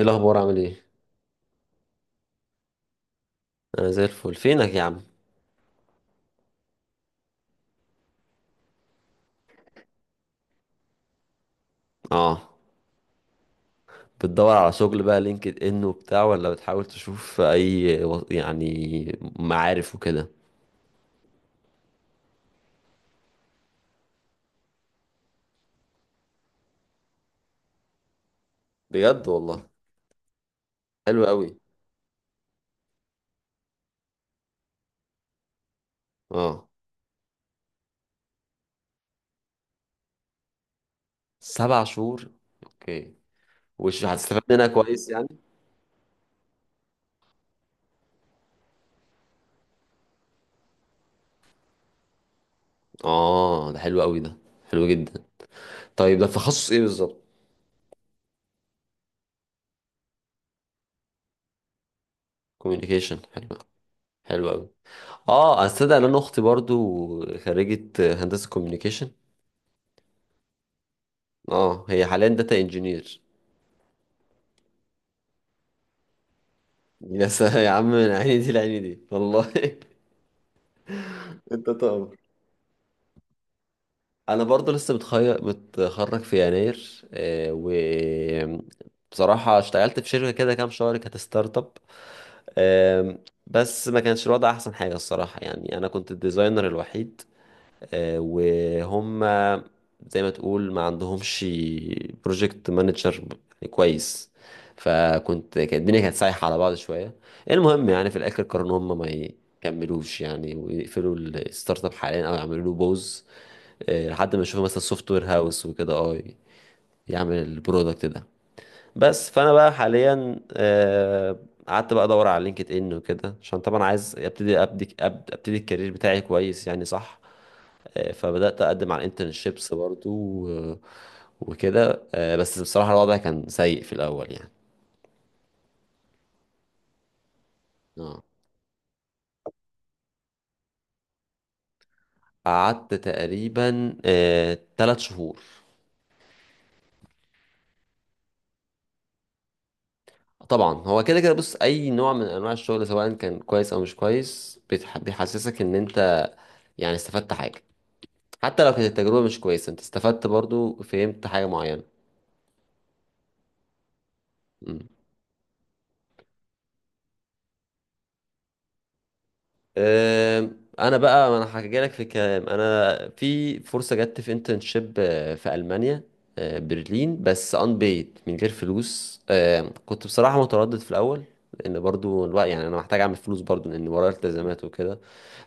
ايه الاخبار؟ عامل ايه؟ انا زي الفل، فينك يا عم؟ اه، بتدور على شغل بقى، لينكد ان وبتاع، ولا بتحاول تشوف اي يعني معارف وكده؟ بجد والله. حلو قوي. اه، 7 شهور، اوكي. وش هتستفاد منها كويس يعني. اه، ده حلو قوي، ده حلو جدا. طيب، ده تخصص ايه بالظبط؟ كوميونيكيشن، حلو. حلو قوي. اه، استدعي، لان اختي برضو خريجة هندسة كوميونيكيشن. اه، هي حاليا داتا انجينير. يا سلام يا عم، من عيني دي لعيني دي والله. انت تأمر. انا برضه لسه متخرج في يناير، و بصراحة اشتغلت في شركة كده كام شهر، كانت ستارت اب. آم، بس ما كانش الوضع احسن حاجة الصراحة، يعني انا كنت الديزاينر الوحيد، وهم زي ما تقول ما عندهمش بروجكت مانجر كويس. فكنت، كانت الدنيا كانت سايحة على بعض شوية. المهم، يعني في الآخر قرروا إن هم ما يكملوش يعني، ويقفلوا الستارت اب حاليا، أو يعملوا له بوز. لحد ما يشوفوا مثلا سوفت وير هاوس وكده اه، يعمل البرودكت ده. بس فانا بقى حاليا، قعدت بقى ادور على لينكد ان وكده، عشان طبعا عايز ابتدي الكارير بتاعي كويس يعني، صح. فبدات اقدم على انترنشيبس برضو وكده. بس بصراحه الوضع كان سيء في الاول يعني. اه، قعدت تقريبا 3 شهور. طبعا، هو كده كده بص، اي نوع من انواع الشغل سواء كان كويس او مش كويس، بيحسسك ان انت يعني استفدت حاجه. حتى لو كانت التجربة مش كويسة، انت استفدت برضو، فهمت حاجة معينة. مم. انا بقى ما انا هحكي لك في الكلام، انا في فرصه جت في انترنشيب في المانيا. برلين، بس ان بيد من غير فلوس. كنت بصراحه متردد في الاول، لان برضو الوقت يعني انا محتاج اعمل فلوس برضو، لان ورايا التزامات وكده.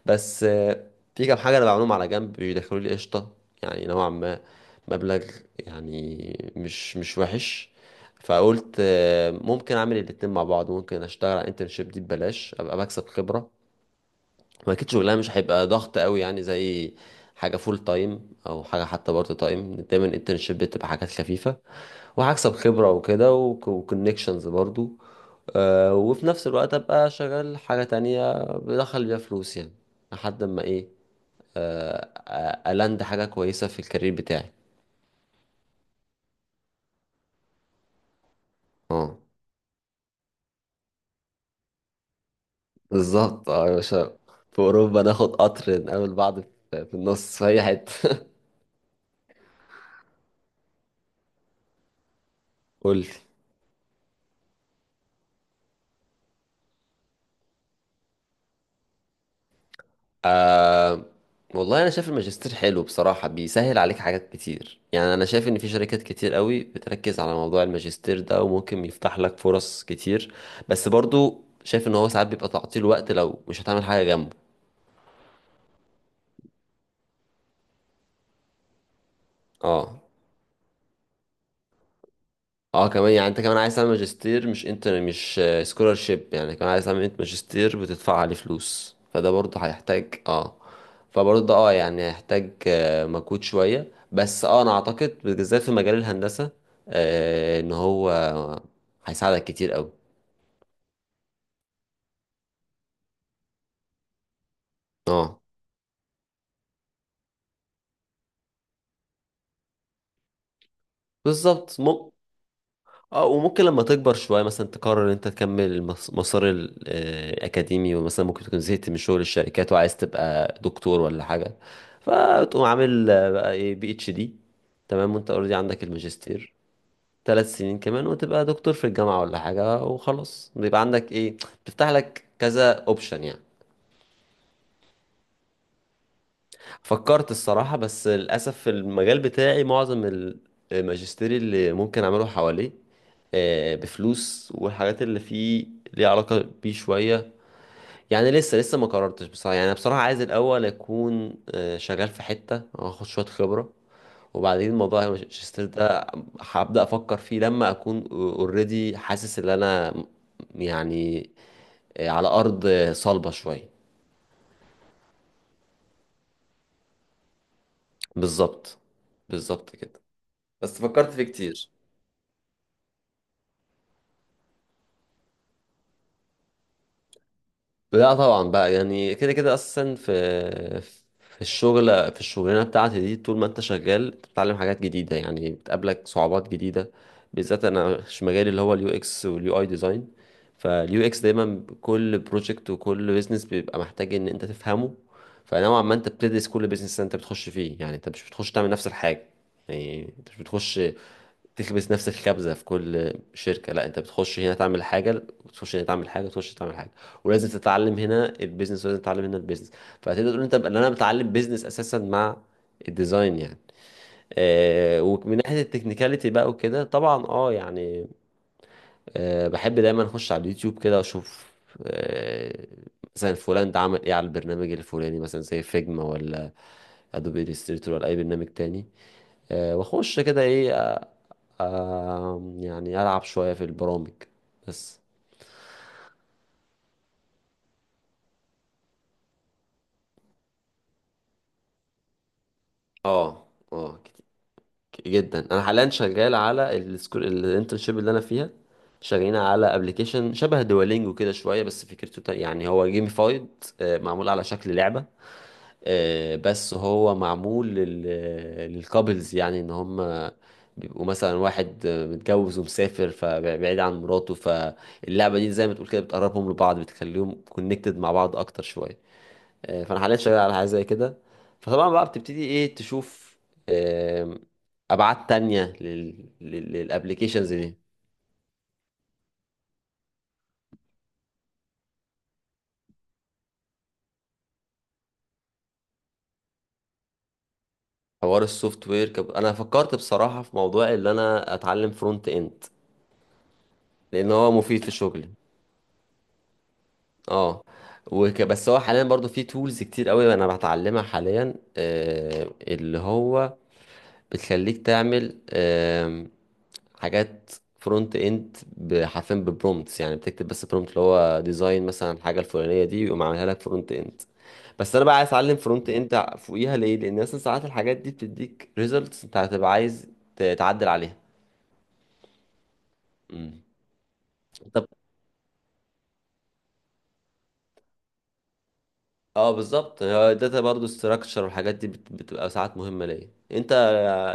بس في كام حاجة أنا بعملهم على جنب، بيدخلوا لي قشطة يعني، نوعا ما، مبلغ يعني مش وحش. فقلت، ممكن أعمل الاتنين مع بعض، ممكن أشتغل على الانترنشيب دي ببلاش، أبقى بكسب خبرة. هو اكيد شغلها مش هيبقى ضغط قوي، يعني زي حاجه فول تايم او حاجه حتى بارت تايم، دايما الانترنشيب بتبقى حاجات خفيفه. وهكسب خبره وكده، وكونكشنز برضو. آه، وفي نفس الوقت ابقى شغال حاجه تانية بدخل بيها فلوس يعني، لحد ما ايه، آه الاند حاجه كويسه في الكارير بتاعي. اه، بالظبط، اه يا باشا. في اوروبا ناخد قطر، نقابل بعض في النص في اي حته. قولي. آه، والله انا شايف الماجستير حلو بصراحه، بيسهل عليك حاجات كتير، يعني انا شايف ان في شركات كتير قوي بتركز على موضوع الماجستير ده، وممكن يفتح لك فرص كتير. بس برضو شايف ان هو ساعات بيبقى تعطيل وقت لو مش هتعمل حاجه جنبه. اه، اه، كمان يعني انت كمان عايز تعمل ماجستير، مش انت مش سكولارشيب يعني، كمان عايز تعمل انت ماجستير بتدفع عليه فلوس، فده برضه هيحتاج اه. فبرضه ده اه يعني هيحتاج مجهود شوية، بس اه انا اعتقد بالذات في مجال الهندسة آه، ان هو هيساعدك كتير قوي. اه، بالظبط. اه، وممكن لما تكبر شوية مثلا تقرر ان انت تكمل مسار الأكاديمي، ومثلا ممكن تكون زهقت من شغل الشركات، وعايز تبقى دكتور ولا حاجة. فتقوم عامل بقى ايه، بي اتش دي، تمام، وانت اوريدي عندك الماجستير. 3 سنين كمان وتبقى دكتور في الجامعة ولا حاجة، وخلاص بيبقى عندك ايه، بتفتح لك كذا اوبشن يعني. فكرت الصراحة، بس للأسف في المجال بتاعي معظم الماجستير اللي ممكن أعمله حواليه بفلوس، والحاجات اللي فيه ليها علاقة بيه شوية. يعني لسه لسه ما قررتش بصراحة، يعني أنا بصراحة عايز الأول أكون شغال في حتة، أخد شوية خبرة، وبعدين موضوع الماجستير ده هبدأ أفكر فيه لما أكون اوريدي حاسس إن أنا يعني على أرض صلبة شوية. بالظبط، بالظبط كده. بس فكرت فيه كتير. لا طبعا بقى، يعني كده كده اصلا في الشغل، في الشغلانه بتاعتي دي طول ما انت شغال بتتعلم حاجات جديده، يعني بتقابلك صعوبات جديده. بالذات انا، مش مجالي اللي هو اليو اكس واليو اي ديزاين، فاليو اكس دايما كل بروجكت وكل بيزنس بيبقى محتاج ان انت تفهمه. فنوعا ما انت بتدرس كل بيزنس انت بتخش فيه، يعني انت مش بتخش تعمل نفس الحاجه، يعني انت مش بتخش تكبس نفس الكبزة في كل شركة، لا انت بتخش هنا تعمل حاجة، تخش هنا تعمل حاجة، تخش تعمل حاجة. ولازم تتعلم هنا البيزنس، ولازم تتعلم هنا البيزنس. فهتقدر تقول انت ان انا بتعلم بيزنس اساسا مع الديزاين يعني. آه، ومن ناحية التكنيكاليتي بقى وكده طبعا اه يعني، آه بحب دايما اخش على اليوتيوب كده واشوف آه، مثلا فلان ده عمل ايه على البرنامج الفلاني، مثلا زي فيجما ولا ادوبي الستريتور ولا اي برنامج تاني. آه، واخش كده ايه، آه، آم، يعني ألعب شوية في البرامج بس. اه، اه، جدا، أنا حاليا شغال على السكول الانترنشيب اللي أنا فيها، شغالين على ابلكيشن شبه دوالينجو كده شوية، بس فكرته، يعني هو جيميفايد، معمول على شكل لعبة. بس هو معمول للكابلز، يعني ان هم بيبقوا مثلا واحد متجوز ومسافر فبعيد عن مراته، فاللعبة دي زي ما تقول كده بتقربهم لبعض، بتخليهم كونكتد مع بعض اكتر شوية. فانا حاليا شغال على حاجه زي كده. فطبعا بقى بتبتدي ايه تشوف آم، ابعاد تانية للابليكيشنز دي. حوار السوفت وير انا فكرت بصراحه في موضوع ان انا اتعلم فرونت اند، لان هو مفيد في شغلي. اه، بس هو حاليا برضو في تولز كتير قوي انا بتعلمها حاليا، اللي هو بتخليك تعمل حاجات فرونت اند حرفيا ببرومتس، يعني بتكتب بس برومت، اللي هو ديزاين مثلا الحاجه الفلانيه دي، ويقوم عاملها لك فرونت اند. بس انا بقى عايز اتعلم فرونت اند فوقيها ليه، لان مثلا ساعات الحاجات دي بتديك ريزلتس انت هتبقى عايز تعدل عليها. امم طب، اه بالظبط، الداتا برضو ستراكشر والحاجات دي بتبقى ساعات مهمه ليا. انت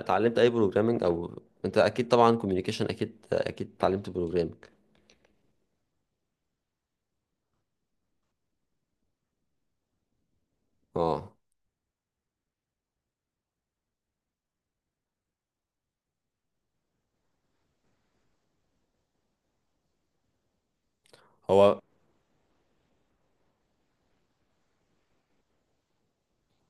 اتعلمت اي بروجرامنج؟ او انت اكيد طبعا كوميونيكيشن اكيد اكيد اتعلمت بروجرامنج. اه، هو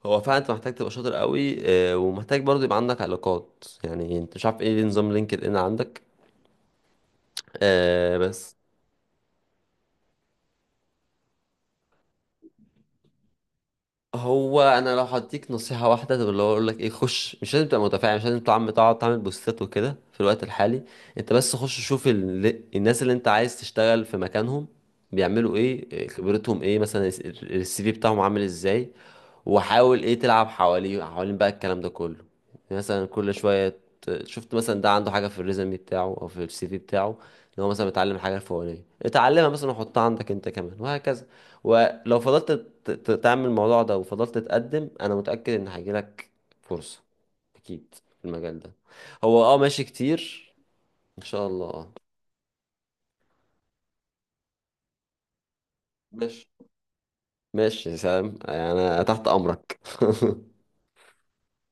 هو فعلا انت محتاج تبقى شاطر قوي، ومحتاج برضه يبقى عندك علاقات، يعني انت مش عارف ايه نظام لينكد ان عندك. بس هو انا لو هديك نصيحه واحده، طب اللي هو اقول لك ايه، خش مش لازم تبقى متفاعل، مش لازم تعمل، تقعد تعمل بوستات وكده في الوقت الحالي. انت بس خش شوف الناس اللي انت عايز تشتغل في مكانهم، بيعملوا ايه، خبرتهم ايه مثلا، السي في بتاعهم عامل ازاي، وحاول ايه تلعب حواليه، حوالين بقى الكلام ده كله. مثلا كل شويه شفت مثلا ده عنده حاجه في الريزومي بتاعه او في السي في بتاعه، ان هو مثلا متعلم حاجه الفلانيه، اتعلمها مثلا وحطها عندك انت كمان، وهكذا. ولو فضلت تعمل الموضوع ده وفضلت تقدم، انا متأكد ان هيجيلك فرصة اكيد في المجال ده. هو اه ماشي كتير. ان شاء الله، اه. ماشي ماشي يا سلام، انا تحت امرك.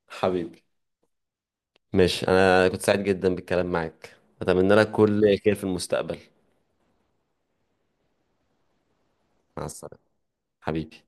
حبيبي. ماشي، انا كنت سعيد جدا بالكلام معاك. اتمنى لك كل خير في المستقبل. مع السلامة. حبيبي.